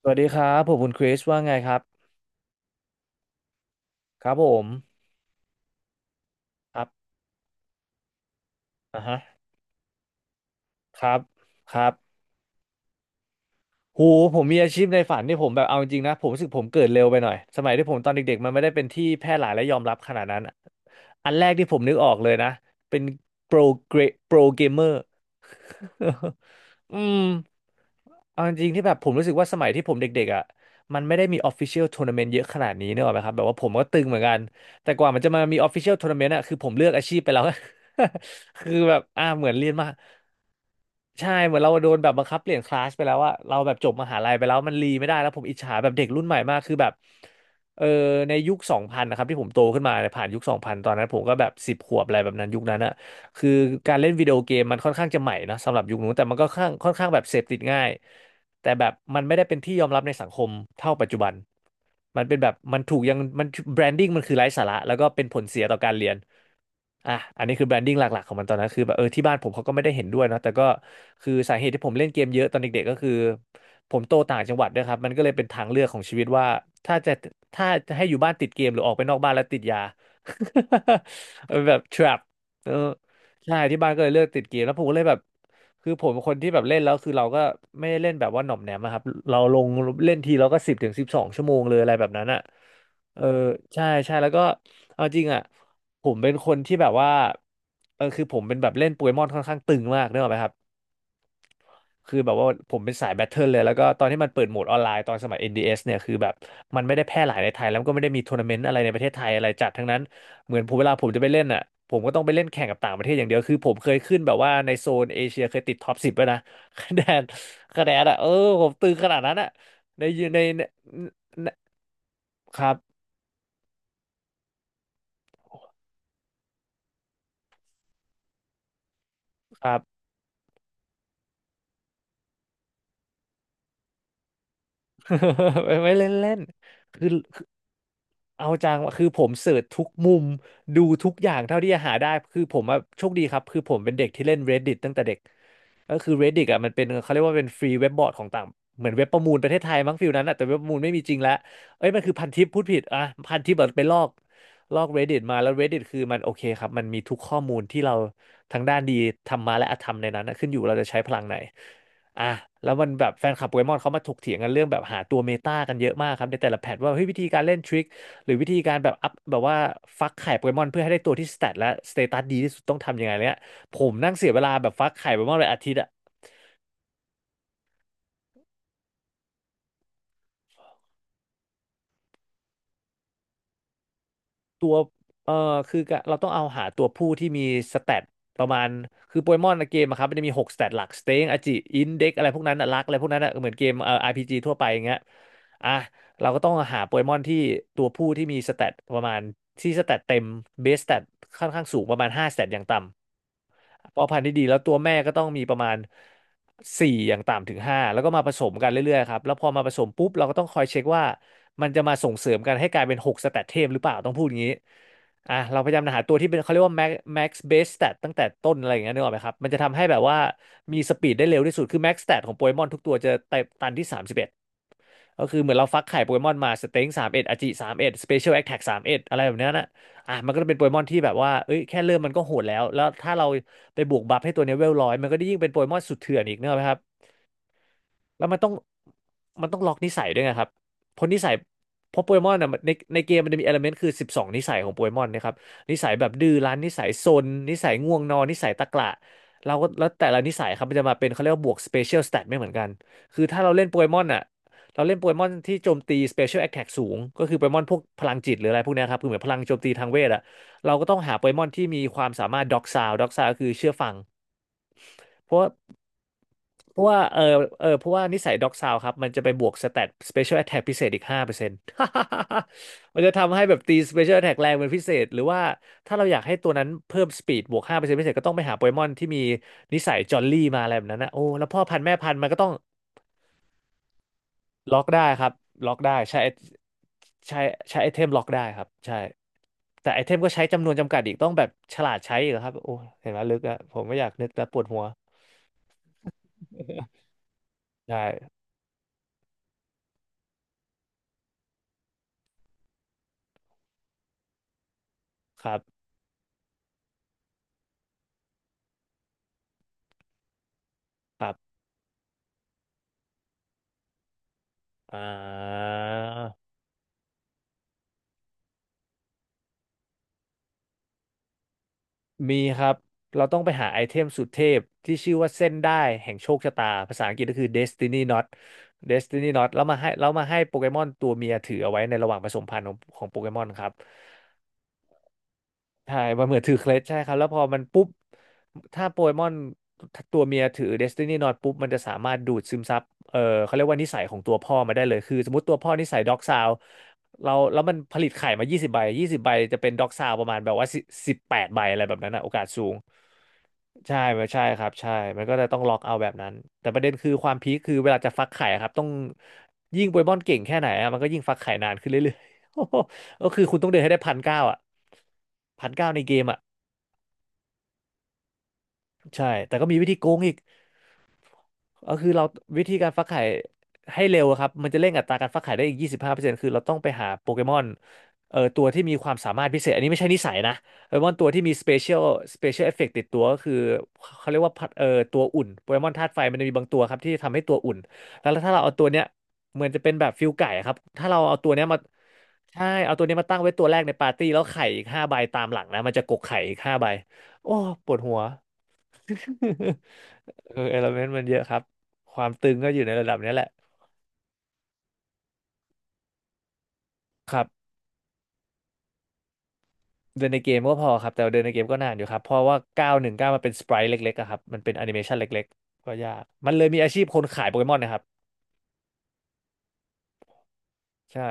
สวัสดีครับผมคุณคริสว่าไงครับครับผมครับอ่าฮะครับครับหูผมมีอาชีพในฝันที่ผมแบบเอาจริงๆนะผมรู้สึกผมเกิดเร็วไปหน่อยสมัยที่ผมตอนเด็กๆมันไม่ได้เป็นที่แพร่หลายและยอมรับขนาดนั้นอะอันแรกที่ผมนึกออกเลยนะเป็นโปรเกรโปรเกมเมอร์ อืมเอาจริงๆที่แบบผมรู้สึกว่าสมัยที่ผมเด็กๆอ่ะมันไม่ได้มี official tournament เยอะขนาดนี้เนกอะไหมครับแบบว่าผมก็ตึงเหมือนกัน แต่กว่ามันจะมามี official tournament อะคือผมเลือกอาชีพไปแล้ว คือแบบอ่าเหมือนเรียนมาใช่เหมือนเราโดนแบบบังคับเปลี่ยนคลาสไปแล้วอะเราแบบจบมหาลัยไปแล้วมันรีไม่ได้แล้วผมอิจฉาแบบเด็กรุ่นใหม่มากคือแบบเออในยุคสองพันนะครับที่ผมโตขึ้นมาเนี่ยผ่านยุคสองพันตอนนั้นผมก็แบบสิบขวบอะไรแบบนั้นยุคนั้นอะ คือการเล่นวิดีโอเกมมันค่อนข้างจะใหม่นะสำหรับยุคนู้นแต่มันก็ค่อนข้างแบบเสพติดง่ายแต่แบบมันไม่ได้เป็นที่ยอมรับในสังคมเท่าปัจจุบันมันเป็นแบบมันถูกยังมันแบรนดิ้งมันคือไร้สาระแล้วก็เป็นผลเสียต่อการเรียนอ่ะอันนี้คือแบรนดิ้งหลักๆของมันตอนนั้นคือแบบเออที่บ้านผมเขาก็ไม่ได้เห็นด้วยนะแต่ก็คือสาเหตุที่ผมเล่นเกมเยอะตอนเด็กๆก็คือผมโตต่างจังหวัดด้วยครับมันก็เลยเป็นทางเลือกของชีวิตว่าถ้าจะถ้าจะให้อยู่บ้านติดเกมหรือออกไปนอกบ้านแล้วติดยา แบบ trap เออ ใช่ที่บ้านก็เลยเลือกติดเกมแล้วผมก็เลยแบบคือผมเป็นคนที่แบบเล่นแล้วคือเราก็ไม่ได้เล่นแบบว่าหน่อมแหนมอะครับเราลงเล่นทีเราก็สิบถึงสิบสองชั่วโมงเลยอะไรแบบนั้นอ่ะเออใช่ใช่แล้วก็เอาจริงอ่ะผมเป็นคนที่แบบว่าเออคือผมเป็นแบบเล่นโปเกมอนค่อนข้างตึงมากนึกออกไหมครับ คือแบบว่าผมเป็นสายแบทเทิลเลยแล้วก็ตอนที่มันเปิดโหมดออนไลน์ตอนสมัย NDS เอสเนี่ยคือแบบมันไม่ได้แพร่หลายในไทยแล้วมันก็ไม่ได้มีทัวร์นาเมนต์อะไรในประเทศไทยอะไรจัดทั้งนั้นเหมือนผมเวลาผมจะไปเล่นอ่ะผมก็ต้องไปเล่นแข่งกับต่างประเทศอย่างเดียวคือผมเคยขึ้นแบบว่าในโซนเอเชียเคยติดท็อปสิบด้วยนะ คะแนนคะแนนอ่ะเออผมต่นขนาดนั้นอ่ะในในในในครับครับ ไม่ไม่เล่นเล่นคือ เอาจังคือผมเสิร์ชทุกมุมดูทุกอย่างเท่าที่จะหาได้คือผมอะโชคดีครับคือผมเป็นเด็กที่เล่น Reddit ตั้งแต่เด็กก็คือ Reddit อ่ะมันเป็นเขาเรียกว่าเป็นฟรีเว็บบอร์ดของต่างเหมือนเว็บประมูลประเทศไทยมั้งฟิลนั้นอะแต่เว็บประมูลไม่มีจริงแล้วเอ้ยมันคือพันทิปพูดผิดอ่ะพันทิปแบบไปลอกลอก Reddit มาแล้ว Reddit คือมันโอเคครับมันมีทุกข้อมูลที่เราทั้งด้านดีธรรมะและอธรรมในนั้นนะขึ้นอยู่เราจะใช้พลังไหนอ่ะแล้วมันแบบแฟนคลับโปเกมอนเขามาถกเถียงกันเรื่องแบบหาตัวเมตากันเยอะมากครับในแต่ละแพทว่าเฮ้ยวิธีการเล่นทริค หรือวิธีการแบบอัพแบบว่าฟักไข่โปเกมอนเพื่อให้ได้ตัวที่สเตตและสเตตัสดีที่สุดต้องทำยังไงเนี่ยผมนั่งเสียเวลาแบบฟักไข่โปเกมอนเลยอาทิตย์อะตัวเออคือเราต้องเอาหาตัวผู้ที่มีสเตตประมาณคือโปเกมอนในเกมอะครับมันจะมีหกสเตตหลักสเตงอจิอินเด็กอะไรพวกนั้นอะลักอะไรพวกนั้นอะเหมือนเกมRPG ทั่วไปอย่างเงี้ยอ่ะ เราก็ต้องหาโปเกมอนที่ตัวผู้ที่มีสเตตประมาณที่สเตตเต็มเบสสเตตค่อนข้างสูงประมาณห้าสเตตอย่างต่ำเพอพันธุ์ที่ดีแล้วตัวแม่ก็ต้องมีประมาณสี่อย่างต่ำถึงห้าแล้วก็มาผสมกันเรื่อยๆครับแล้วพอมาผสมปุ๊บเราก็ต้องคอยเช็คว่ามันจะมาส่งเสริมกันให้กลายเป็นหกสเตตเทพหรือเปล่าต้องพูดอย่างนี้อ่ะเราพยายามหาตัวที่เป็นเขาเรียกว่า max base stat ตั้งแต่ต้นอะไรอย่างเงี้ยนึกออกไหมครับมันจะทำให้แบบว่ามีสปีดได้เร็วที่สุดคือ max stat ของโปเกมอนทุกตัวจะตตันที่สามสิบเอ็ด ก็คือเหมือนเราฟักไข่โปเกมอนมาสเต็งสามเอ็ดอาจิสามเอ็ดสเปเชียลแอคแท็กสามเอ็ดอะไรแบบเนี้ยนะอ่ะมันก็จะเป็นโปเกมอนที่แบบว่าเอ้ยแค่เริ่มมันก็โหดแล้วแล้วถ้าเราไปบวกบัฟให้ตัวเนี้ยเวลร้อยมันก็ได้ยิ่งเป็นโปเกมอนสุดเถื่อนอีกเนกอะไหมครับ แล้วมันต้องมันต้องล็อกนิสัยด้วยนะครับเพราะนิสัยเพราะโปเกมอนอ่ะมันในเกมมันจะมีเอลเมนต์คือสิบสองนิสัยของโปเกมอนนะครับนิสัยแบบดื้อรั้นนิสัยซนนิสัยง่วงนอนนิสัยตะกละเราก็แล้วแต่ละนิสัยครับมันจะมาเป็นเขาเรียกว่าบวกสเปเชียลสเตตไม่เหมือนกันคือถ้าเราเล่นโปเกมอนอ่ะเราเล่นโปเกมอนที่โจมตีสเปเชียลแอ t แท็กสูงก็คือโปเกมอนพวกพลังจิตหรืออะไรพวกเนี้ยครับคือเหมือนพลังโจมตีทางเวทอะเราก็ต้องหาโปเกมอนที่มีความสามารถด็อกซาวด็อกซาวคือเชื่อฟัง เพราะว่าเพราะว่าเออเพราะว่านิสัยด็อกซาวครับมันจะไปบวกสแตทสเปเชียลแอทแทกพิเศษอีกห้าเปอร์เซ็นต์ มันจะทำให้แบบตีสเปเชียลแอทแทกแรงเป็นพิเศษหรือว่าถ้าเราอยากให้ตัวนั้นเพิ่มสปีดบวกห้าเปอร์เซ็นต์พิเศษก็ต้องไปหาโปเกมอนที่มีนิสัยจอลลี่มาอะไรแบบนั้นนะโอ้แล้วพ่อพันธุ์แม่พันธุ์มันก็ต้องล็อกได้ครับล็อกได้ใช้ใช้ไอเทมล็อกได้ครับใช่แต่ไอเทมก็ใช้จำนวนจำกัดอีกต้องแบบฉลาดใช้อีกครับโอ้เห็นไหมลึกอะผมไม่อยากนึกแล้วปวดหัวได้ครับครับ อ่ามีครับ เราต้องไปหาไอเทมสุดเทพที่ชื่อว่าเส้นได้แห่งโชคชะตาภาษาอังกฤษก็คือ Destiny Knot Destiny Knot แล้วมาให้โปเกมอนตัวเมียถือเอาไว้ในระหว่างผสมพันธุ์ของโปเกมอนครับ ใช่ มันเหมือนถือเคล็ดใช่ครับ แล้วพอมันปุ๊บ ถ้าโปเกมอนตัวเมียถือเดสตินีนอตปุ๊บ มันจะสามารถดูดซึมซับเออเขาเรียกว่านิสัยของตัวพ่อมาได้เลยคือสมมติตัวพ่อนิสัยด็อกซาวเราแล้วมันผลิตไข่มา 20ใบ20ใบจะเป็นด็อกซาวประมาณแบบว่า 1 8ใบอะไรแบบนั้นนะโอกาสสูง ใช่ใช่ครับใช่มันก็จะต้องล็อกเอาแบบนั้น แต่ประเด็นคือความพีคคือเวลาจะฟักไข่ครับต้องยิ่งโปเกมอนเก่งแค่ไหนอะมันก็ยิ่งฟักไข่นานขึ้นเรื่อยๆ ก็คือคุณต้องเดินให้ได้พันเก้าอ่ะพันเก้าในเกมอ่ะใช่แต่ก็มีวิธีโกงอีก ก็คือเราวิธีการฟักไข่ให้เร็วอะครับมันจะเร่งอัตราการฟักไข่ได้อีกยี่สิบห้าเปอร์เซ็นต์คือเราต้องไปหาโปเกมอนตัวที่มีความสามารถพิเศษอันนี้ไม่ใช่นิสัยนะโปเกมอนตัวที่มีสเปเชียลสเปเชียลเอฟเฟกต์ติดตัวก็คือเขาเรียกว่าพัดตัวอุ่นโปเกมอนธาตุไฟมันจะมีบางตัวครับที่ทำให้ตัวอุ่นแล้วถ้าเราเอาตัวเนี้ยเหมือนจะเป็นแบบฟิลไก่อะครับถ้าเราเอาตัวเนี้ยมาใช่เอาตัวเนี้ยมาตั้งไว้ตัวแรกในปาร์ตี้แล้วไข่อีกห้าใบตามหลังนะมันจะกกไข่อีกห้าใบโอ้ปวดหัว เออเอลเมนต์มันเยอะครับ ความตึงก็อยู่ในระดับเนี้ยแหละครับเดินในเกมก็พอครับแต่ว่าเดินในเกมก็นานอยู่ครับเพราะว่า9 1าหนึ่งเก้ามันเป็นสไปร์เล็กๆอะครับมันเป็นแอนิเมชันเล็กๆก็ยากมันเลยมีอาชีพคนขายโปเกมอนนะครับใช่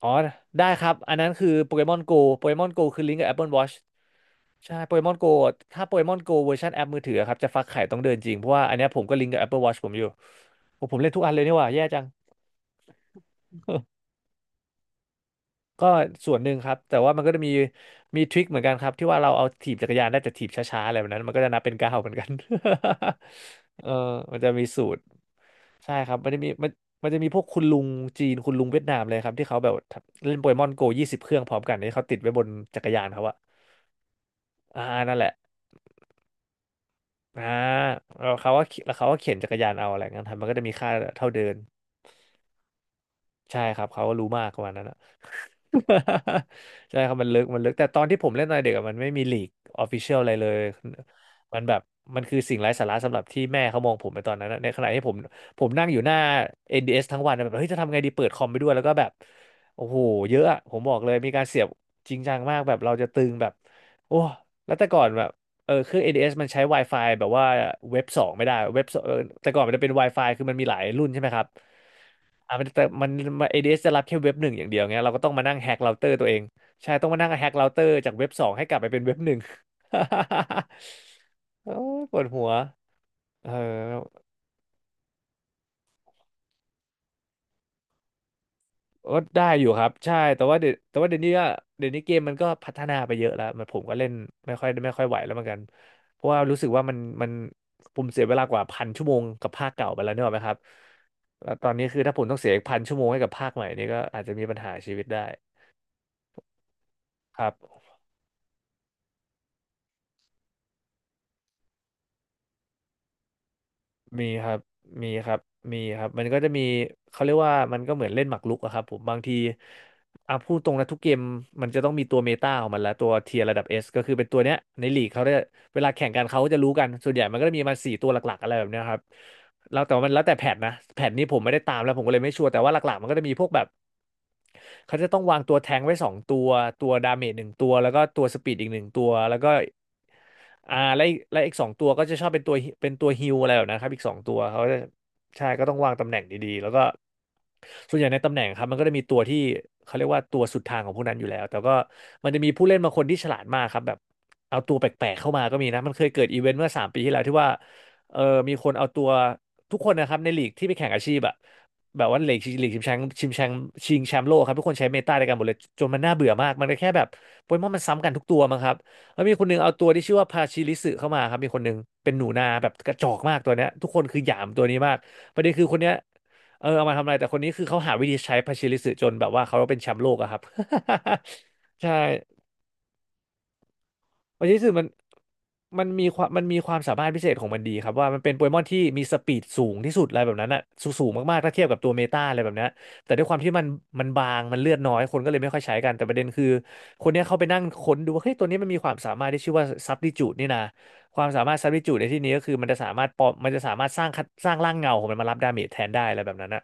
อ๋อได้ครับอันนั้นคือโปเกมอนโกโปเกมอนโกคือลิงก์กับ Apple Watch ใช่โปเกมอนโกถ้าโปเกมอนโกเวอร์ชันแอปมือถือครับจะฟักไข่ต้องเดินจริงเพราะว่าอันเนี้ยผมก็ลิงก์กับ Apple Watch ผมอยู่โอ้ผมเล่นทุกอันเลยนี่หว่าแย่จัง ก็ส่วนหนึ่งครับแต่ว่ามันก็จะมีทริคเหมือนกันครับที่ว่าเราเอาถีบจักรยานได้แต่ถีบช้าๆอะไรแบบนั้นมันก็จะนับเป็นก้าวเหมือนกัน เออมันจะมีสูตรใช่ครับมันจะมีพวกคุณลุงจีนคุณลุงเวียดนามเลยครับที่เขาแบบเล่นโปเกมอนโก20 เครื่องพร้อมกันนี่เขาติดไว้บนจักรยานเขาอะอ่านั่นแหละอ่าแล้วเขาก็ขี่แล้วเขาก็เข็นจักรยานเอาอะไรเงี้ยครับมันก็จะมีค่าเท่าเดิน ใช่ครับเขาก็รู้มากกว่านั้นอะ ใช่ครับมันลึกมันลึกแต่ตอนที่ผมเล่นตอนเด็กอะมันไม่มีลีกออฟฟิเชียลอะไรเลยมันแบบมันคือสิ่งไร้สาระสำหรับที่แม่เขามองผมในตอนนั้นอะในขณะที่ผมนั่งอยู่หน้า NDS ทั้งวันอะแบบเฮ้ยจะทำไงดีเปิดคอมไปด้วยแล้วก็แบบโอ้โหเยอะอะผมบอกเลยมีการเสียบจริงจังมากแบบเราจะตึงแบบโอ้แล้วแต่ก่อนแบบเออเครื่องเ d s มันใช้ Wi-Fi แบบว่าเว็บสองไม่ได้เว็บสองเออแต่ก่อนมันจะเป็น Wi-Fi คือมันมีหลายรุ่นใช่ไหมครับ อ่ามันแต่มันมัน ADS จะรับแค่เว็บหนึ่งอย่างเดียวไงเราก็ต้องมานั่งแฮกเราเตอร์ตัวเองใช่ต้องมานั่งแฮกเราเตอร์จากเว็บสองให้กลับไปเป็นเว็บหนึ่ง โอ้ยปวดหัวเออก็ได้อยู่ครับใช่แต่ว่าเดี๋ยวนี้ก็เดี๋ยวนี้เกมมันก็พัฒนาไปเยอะแล้วมันผมก็เล่นไม่ค่อยไม่ค่อยไหวแล้วเหมือนกันเพราะว่ารู้สึกว่ามันผมเสียเวลากว่าพันชั่วโมงกับภาคเก่าไปแล้วเนี่ยหรอกไหมครับแล้วตอนนี้คือถ้าผมต้องเสียอีกพันชั่วโมงให้กับภาคใหม่นี่ก็อาจจะมีปัญหาชีวิตได้ครับ มีครับมีครับมีครับ มันก็จะมีเขาเรียกว่ามันก็เหมือนเล่นหมากรุกอะครับผมบางทีอ่ะพูดตรงนะทุกเกมมันจะต้องมีตัวเมตาของมันแล้วตัวเทียร์ระดับ S ก็คือเป็นตัวเนี้ยในลีกเขาได้เวลาแข่งกันเขาก็จะรู้กันส่วนใหญ่มันก็จะมีมาสี่ตัวหลักๆอะไรแบบเนี้ยครับแล้วแต่ว่ามันแล้วแต่แพทนะแพทนี้ผมไม่ได้ตามแล้วผมก็เลยไม่ชัวร์แต่ว่าหลักๆมันก็จะมีพวกแบบ เขาจะต้องวางตัวแทงค์ไว้สองตัวตัวดาเมจหนึ่งตัวแล้วก็ตัวสปีดอีกหนึ่งตัวแล้วก็อ่าและอีกสองตัวก็จะชอบเป็นตัวฮิลอะไรแบบนะครับอีกสองตัวเขาจะใช่ก็ต้องวางตำแหน่งดีๆแล้วก็ส่วนใหญ่ในตำแหน่งครับมันก็จะมีตัวที่เขาเรียกว่าตัวสุดทางของพวกนั้นอยู่แล้วแต่ก็มันจะมีผู้เล่นบางคนที่ฉลาดมากครับแบบเอาตัวแปลกๆเข้ามาก็มีนะมันเคยเกิดอีเวนต์เมื่อ3 ปีที่แล้วที่ว่าเออมีคนเอาตัวทุกคนนะครับในลีกที่ไปแข่งอาชีพอะ แบบว่าลีกลีกชิงแชมป์ชิงแชมป์ชิงแชมป์โลกครับทุกคนใช้เมตาในการหมดเลยจนมันน่าเบื่อมากมันก็แค่แบบโปเกมอนมันซ้ำกันทุกตัวมั้งครับแล้วมีคนหนึงเอาตัวที่ชื่อว่าพาชิริสึเข้ามาครับมีคนหนึงเป็นหนูนาแบบกระจอกมากตัวเนี้ยทุกคนคือหยามตัวนี้มากประเด็นคือคนเนี้ยเออเอามาทำอะไรแต่คนนี้คือเขาหาวิธีใช้พาชิริสึจนแบบว่าเขาเป็นแชมป์โลกอะครับ ใช่ โอชิสึมันมีความสามารถพิเศษของมันดีครับว่ามันเป็นโปเกมอนที่มีสปีดสูงที่สุดอะไรแบบนั้นอะสูงสูงมากๆถ้าเทียบกับตัวเมตาอะไรแบบเนี้ยแต่ด้วยความที่มันมันบางมันเลือดน้อยคนก็เลยไม่ค่อยใช้กันแต่ประเด็นคือคนเนี้ยเขาไปนั่งค้นดูว่าเฮ้ยตัวนี้มันมีความสามารถที่ชื่อว่าซับดิจูดนี่นะความสามารถซับดิจูดในที่นี้ก็คือมันจะสามารถปลอมมันจะสามารถสร้างร่างเงาของมันมารับดาเมจแทนได้อะไรแบบนั้นอะ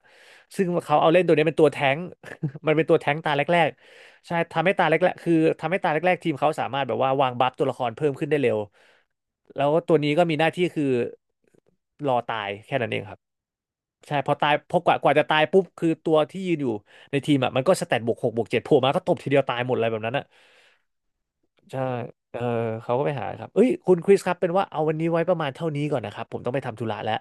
ซึ่งเขาเอาเล่นตัวนี้เป็นตัวแท้ง มันเป็นตัวแท้งตาแรก ใช่ทำให้ตาแรกๆคือทำให้ตาแรกๆทีมเขาสามารถแบบว่าวางบัฟตัวละครเพิ่มขึ้นได้เร็วแล้วตัวนี้ก็มีหน้าที่คือรอตายแค่นั้นเองครับใช่พอตายพอกว่ากว่าจะตายปุ๊บคือตัวที่ยืนอยู่ในทีมอ่ะมันก็สแตทบวกหกบวกเจ็ดโผล่มาก็ตบทีเดียวตายหมดอะไรแบบนั้นอ่ะใช่เออเขาก็ไปหาครับเอ้ยคุณคริสครับเป็นว่าเอาวันนี้ไว้ประมาณเท่านี้ก่อนนะครับผมต้องไปทำธุระแล้ว